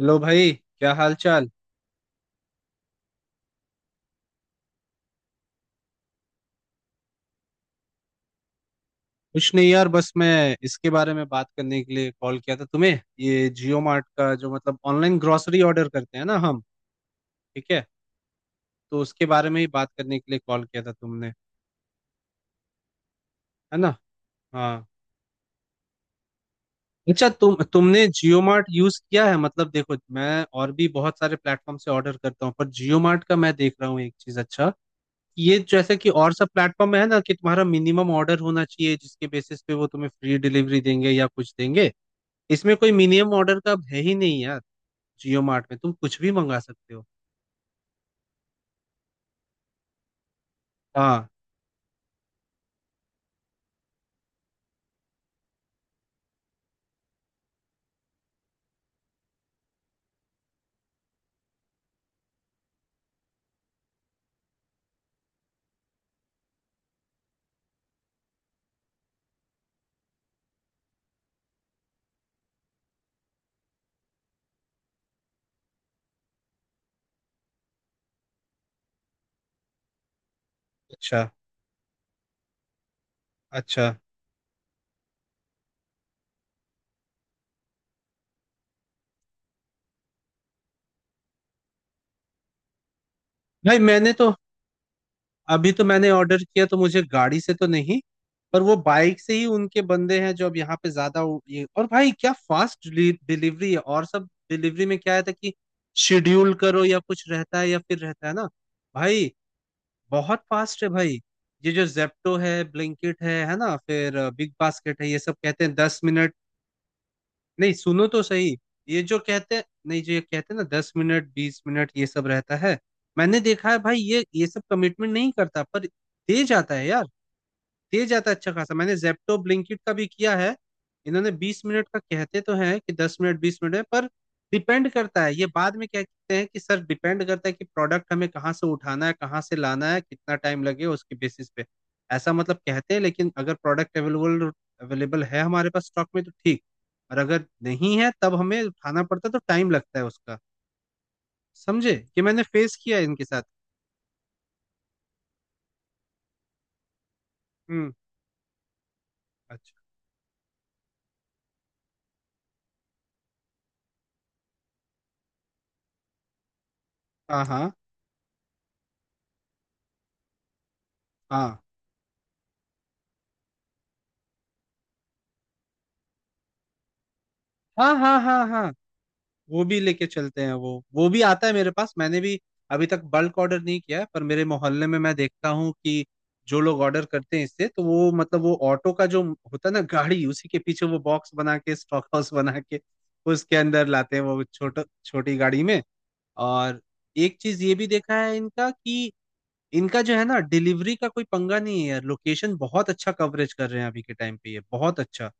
Hello भाई, क्या हाल चाल। कुछ नहीं यार, बस मैं इसके बारे में बात करने के लिए कॉल किया था तुम्हें। ये जियो मार्ट का जो मतलब ऑनलाइन ग्रोसरी ऑर्डर करते हैं ना हम, ठीक है, तो उसके बारे में ही बात करने के लिए कॉल किया था तुमने, है ना। हाँ, अच्छा तुमने जियो मार्ट यूज किया है। मतलब देखो, मैं और भी बहुत सारे प्लेटफॉर्म से ऑर्डर करता हूँ, पर जियो मार्ट का मैं देख रहा हूँ एक चीज अच्छा कि ये जैसे कि और सब प्लेटफॉर्म है ना, कि तुम्हारा मिनिमम ऑर्डर होना चाहिए जिसके बेसिस पे वो तुम्हें फ्री डिलीवरी देंगे या कुछ देंगे। इसमें कोई मिनिमम ऑर्डर का है ही नहीं यार। जियो मार्ट में तुम कुछ भी मंगा सकते हो। हाँ, अच्छा अच्छा। नहीं मैंने तो, अभी तो मैंने ऑर्डर किया तो मुझे गाड़ी से तो नहीं, पर वो बाइक से ही उनके बंदे हैं जो अब यहाँ पे ज्यादा ये। और भाई क्या फास्ट डिलीवरी है। और सब डिलीवरी में क्या रहता है कि शेड्यूल करो या कुछ रहता है, या फिर रहता है ना भाई, बहुत फास्ट है भाई। ये जो जेप्टो है, ब्लिंकिट है ना, फिर बिग बास्केट है, ये सब कहते हैं दस मिनट। नहीं, सुनो तो सही, ये जो कहते हैं, नहीं जो ये कहते हैं ना दस मिनट बीस मिनट ये सब रहता है, मैंने देखा है भाई, ये सब कमिटमेंट नहीं करता, पर दे जाता है यार, दे जाता है अच्छा खासा। मैंने जेप्टो ब्लिंकिट का भी किया है, इन्होंने बीस मिनट का, कहते तो हैं कि दस मिनट बीस मिनट है, पर डिपेंड करता है। ये बाद में क्या कहते हैं कि सर डिपेंड करता है कि प्रोडक्ट हमें कहाँ से उठाना है, कहाँ से लाना है, कितना टाइम लगे, उसके बेसिस पे। ऐसा मतलब कहते हैं, लेकिन अगर प्रोडक्ट अवेलेबल अवेलेबल है हमारे पास स्टॉक में तो ठीक, और अगर नहीं है तब हमें उठाना पड़ता है तो टाइम लगता है उसका। समझे, कि मैंने फेस किया है इनके साथ। हम्म। अच्छा। हाँ हाँ हाँ हाँ, हाँ हाँ हाँ, वो भी लेके चलते हैं, वो भी आता है मेरे पास। मैंने भी अभी तक बल्क ऑर्डर नहीं किया है, पर मेरे मोहल्ले में मैं देखता हूँ कि जो लोग ऑर्डर करते हैं इससे, तो वो मतलब वो ऑटो का जो होता है ना गाड़ी, उसी के पीछे वो बॉक्स बना के, स्टॉक हाउस बना के उसके अंदर लाते हैं, वो छोटा छोटी गाड़ी में। और एक चीज ये भी देखा है इनका, कि इनका जो है ना डिलीवरी का कोई पंगा नहीं है यार। लोकेशन बहुत अच्छा कवरेज कर रहे हैं अभी के टाइम पे, ये बहुत अच्छा।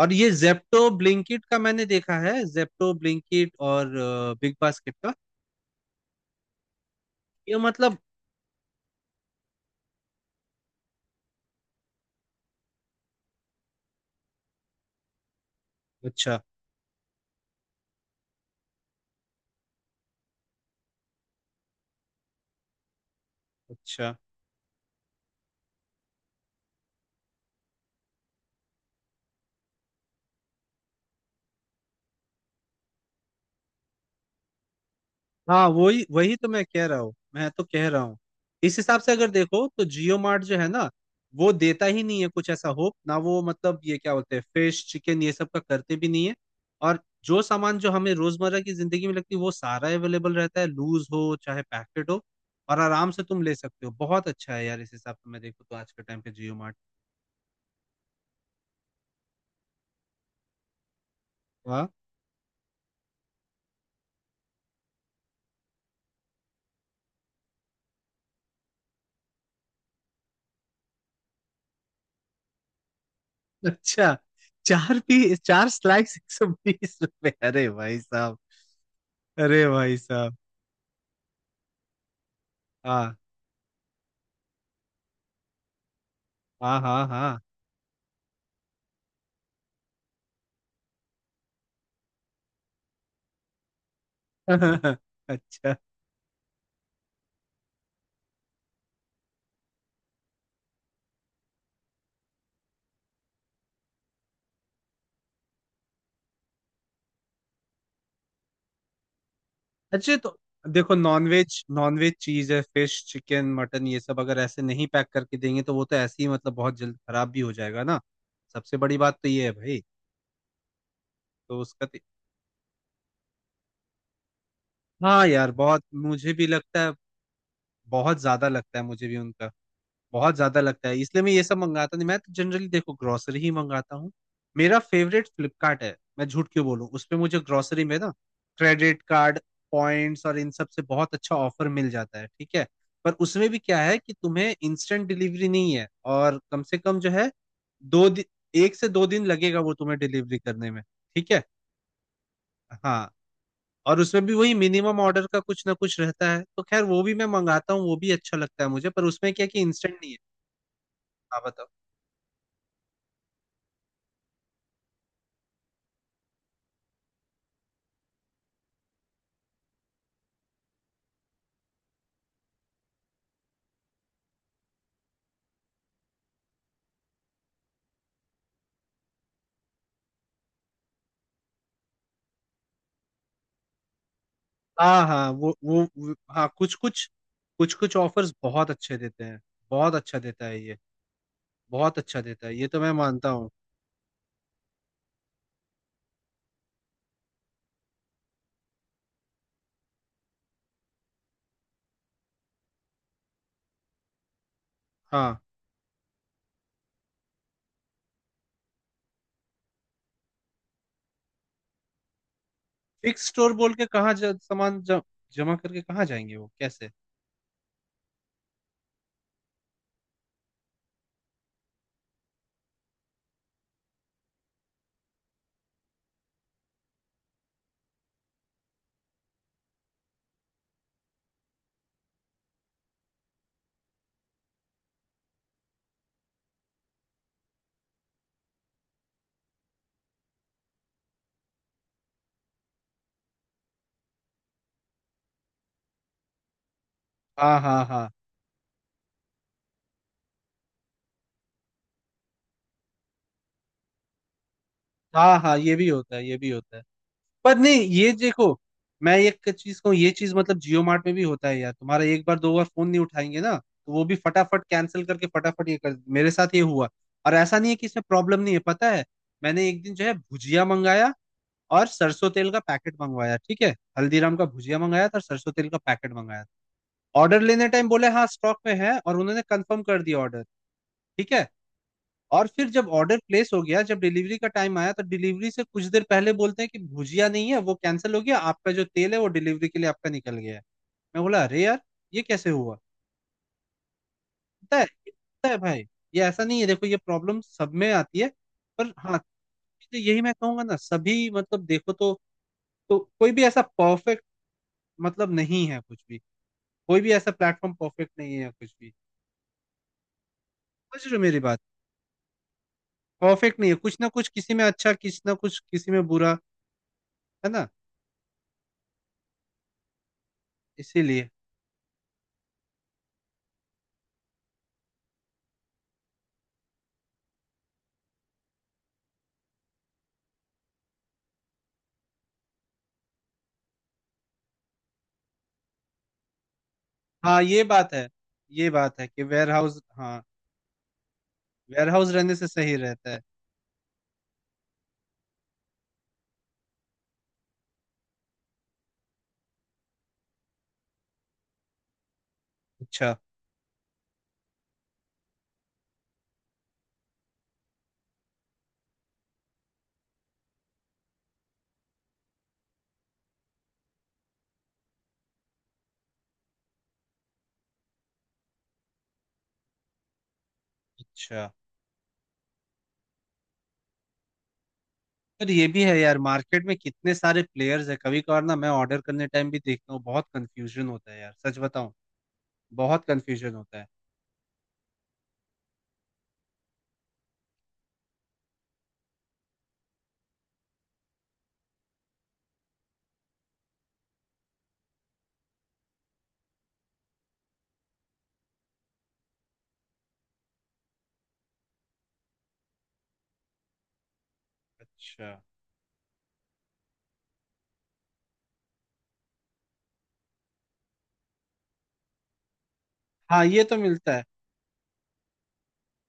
और ये जेप्टो ब्लिंकिट का मैंने देखा है, जेप्टो ब्लिंकिट और बिग बास्केट का, ये मतलब अच्छा अच्छा। हाँ, वही वही तो मैं कह रहा हूँ, मैं तो कह रहा हूँ इस हिसाब से अगर देखो तो जियो मार्ट जो है ना, वो देता ही नहीं है कुछ ऐसा होप ना। वो मतलब ये क्या बोलते हैं, फिश चिकन, ये सब का करते भी नहीं है। और जो सामान जो हमें रोजमर्रा की जिंदगी में लगती है वो सारा अवेलेबल रहता है, लूज हो चाहे पैकेट हो, और आराम से तुम ले सकते हो। बहुत अच्छा है यार इस हिसाब से मैं देखूँ तो, आज के टाइम पे जियो मार्ट। अच्छा, चार लाख एक सौ बीस रुपए, अरे भाई साहब। अरे भाई साहब। हाँ हाँ हाँ हाँ। अच्छा अच्छा, तो देखो नॉनवेज, नॉनवेज चीज है फिश चिकन मटन ये सब, अगर ऐसे नहीं पैक करके देंगे तो वो तो ऐसे ही मतलब बहुत जल्द खराब भी हो जाएगा ना। सबसे बड़ी बात तो ये है भाई। तो हाँ यार, बहुत मुझे भी लगता है, बहुत ज्यादा लगता है मुझे भी उनका, बहुत ज्यादा लगता है। इसलिए मैं ये सब मंगाता नहीं, मैं तो जनरली देखो ग्रोसरी ही मंगाता हूँ। मेरा फेवरेट फ्लिपकार्ट है, मैं झूठ क्यों बोलूं। उस पे मुझे ग्रोसरी में ना, क्रेडिट कार्ड पॉइंट्स और इन सब से बहुत अच्छा ऑफर मिल जाता है, ठीक है। पर उसमें भी क्या है कि तुम्हें इंस्टेंट डिलीवरी नहीं है, और कम से कम जो है दो दिन, एक से दो दिन लगेगा वो तुम्हें डिलीवरी करने में, ठीक है। हाँ, और उसमें भी वही मिनिमम ऑर्डर का कुछ ना कुछ रहता है, तो खैर वो भी मैं मंगाता हूँ, वो भी अच्छा लगता है मुझे, पर उसमें क्या है कि इंस्टेंट नहीं है। हाँ बताओ। हाँ हाँ, हाँ कुछ कुछ, कुछ कुछ ऑफर्स बहुत अच्छे देते हैं। बहुत अच्छा देता है ये, बहुत अच्छा देता है ये, तो मैं मानता हूँ। हाँ, फिक्स स्टोर बोल के कहाँ सामान जमा करके, कहाँ जाएंगे वो, कैसे। हाँ हाँ हाँ हाँ हाँ, ये भी होता है, ये भी होता है। पर नहीं, ये देखो, मैं एक चीज कहूँ, ये चीज मतलब जियो मार्ट में भी होता है यार। तुम्हारा एक बार दो बार फोन नहीं उठाएंगे ना, तो वो भी फटाफट कैंसिल करके फटाफट ये कर, मेरे साथ ये हुआ। और ऐसा नहीं है कि इसमें प्रॉब्लम नहीं है, पता है। मैंने एक दिन जो है भुजिया मंगाया और सरसों तेल का पैकेट मंगवाया, ठीक है। हल्दीराम का भुजिया मंगाया था और सरसों तेल का पैकेट मंगाया था। ऑर्डर लेने टाइम बोले हाँ स्टॉक में है और उन्होंने कंफर्म कर दिया ऑर्डर, ठीक है। और फिर जब ऑर्डर प्लेस हो गया, जब डिलीवरी का टाइम आया, तो डिलीवरी से कुछ देर पहले बोलते हैं कि भुजिया नहीं है, वो कैंसिल हो गया आपका, जो तेल है वो डिलीवरी के लिए आपका निकल गया है। मैं बोला अरे यार, ये कैसे हुआ। पता है, पता है भाई, ये ऐसा नहीं है, देखो ये प्रॉब्लम सब में आती है, पर हाँ, तो यही मैं कहूंगा ना सभी मतलब देखो तो कोई भी ऐसा परफेक्ट मतलब नहीं है कुछ भी, कोई भी ऐसा प्लेटफॉर्म परफेक्ट नहीं है या कुछ भी, समझ रहे हो मेरी बात, परफेक्ट नहीं है, कुछ ना कुछ किसी में अच्छा, किसी ना कुछ किसी में बुरा, है ना। इसीलिए। हाँ ये बात है, ये बात है कि वेयर हाउस हाँ, वेयर हाउस रहने से सही रहता है। अच्छा। अच्छा, पर ये भी है यार, मार्केट में कितने सारे प्लेयर्स है, कभी कभार ना मैं ऑर्डर करने टाइम भी देखता हूँ बहुत कंफ्यूजन होता है यार, सच बताऊं, बहुत कंफ्यूजन होता है। अच्छा, हाँ ये तो मिलता है,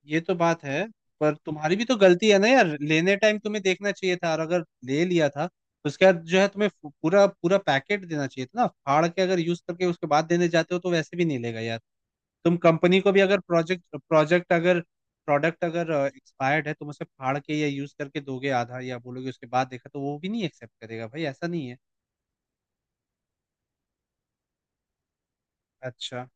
ये तो बात है। पर तुम्हारी भी तो गलती है ना यार, लेने टाइम तुम्हें देखना चाहिए था, और अगर ले लिया था तो उसके बाद जो है तुम्हें पूरा पूरा पैकेट देना चाहिए था ना, फाड़ के अगर यूज करके उसके बाद देने जाते हो तो वैसे भी नहीं लेगा यार। तुम कंपनी को भी अगर प्रोजेक्ट प्रोजेक्ट अगर प्रोडक्ट अगर एक्सपायर्ड है, तुम उसे फाड़ के या यूज करके दोगे आधा, या बोलोगे उसके बाद देखा, तो वो भी नहीं एक्सेप्ट करेगा भाई, ऐसा नहीं है। अच्छा,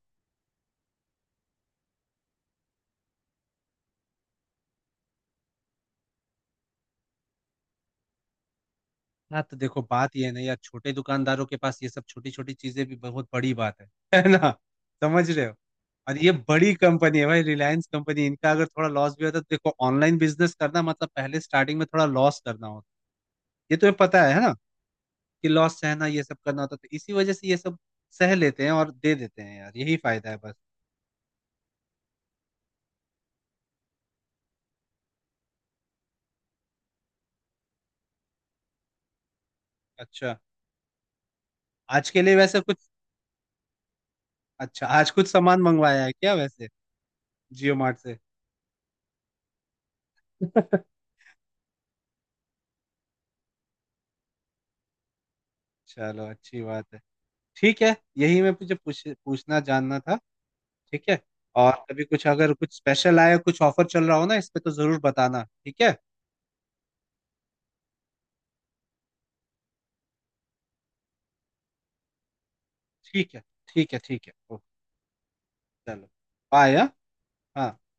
हाँ तो देखो बात ये है ना यार, छोटे दुकानदारों के पास ये सब छोटी छोटी चीजें भी बहुत बड़ी बात है है ना, समझ रहे हो। और ये बड़ी कंपनी है भाई, रिलायंस कंपनी, इनका अगर थोड़ा लॉस भी होता है तो देखो, ऑनलाइन बिजनेस करना मतलब पहले स्टार्टिंग में थोड़ा लॉस करना होता है, ये तुम्हें पता है ना, कि लॉस सहना ये सब करना होता है। तो इसी वजह से ये सब सह लेते हैं और दे देते हैं यार, यही फायदा है बस। अच्छा, आज के लिए वैसे कुछ, अच्छा आज कुछ सामान मंगवाया है क्या वैसे जियो मार्ट से। चलो अच्छी बात है, ठीक है यही मैं पूछना जानना था। ठीक है, और कभी कुछ अगर कुछ स्पेशल आया, कुछ ऑफर चल रहा हो ना इस पे, तो जरूर बताना, ठीक है। ठीक है, ठीक है, ठीक है, ओके। चलो, बाय। हाँ हाँ।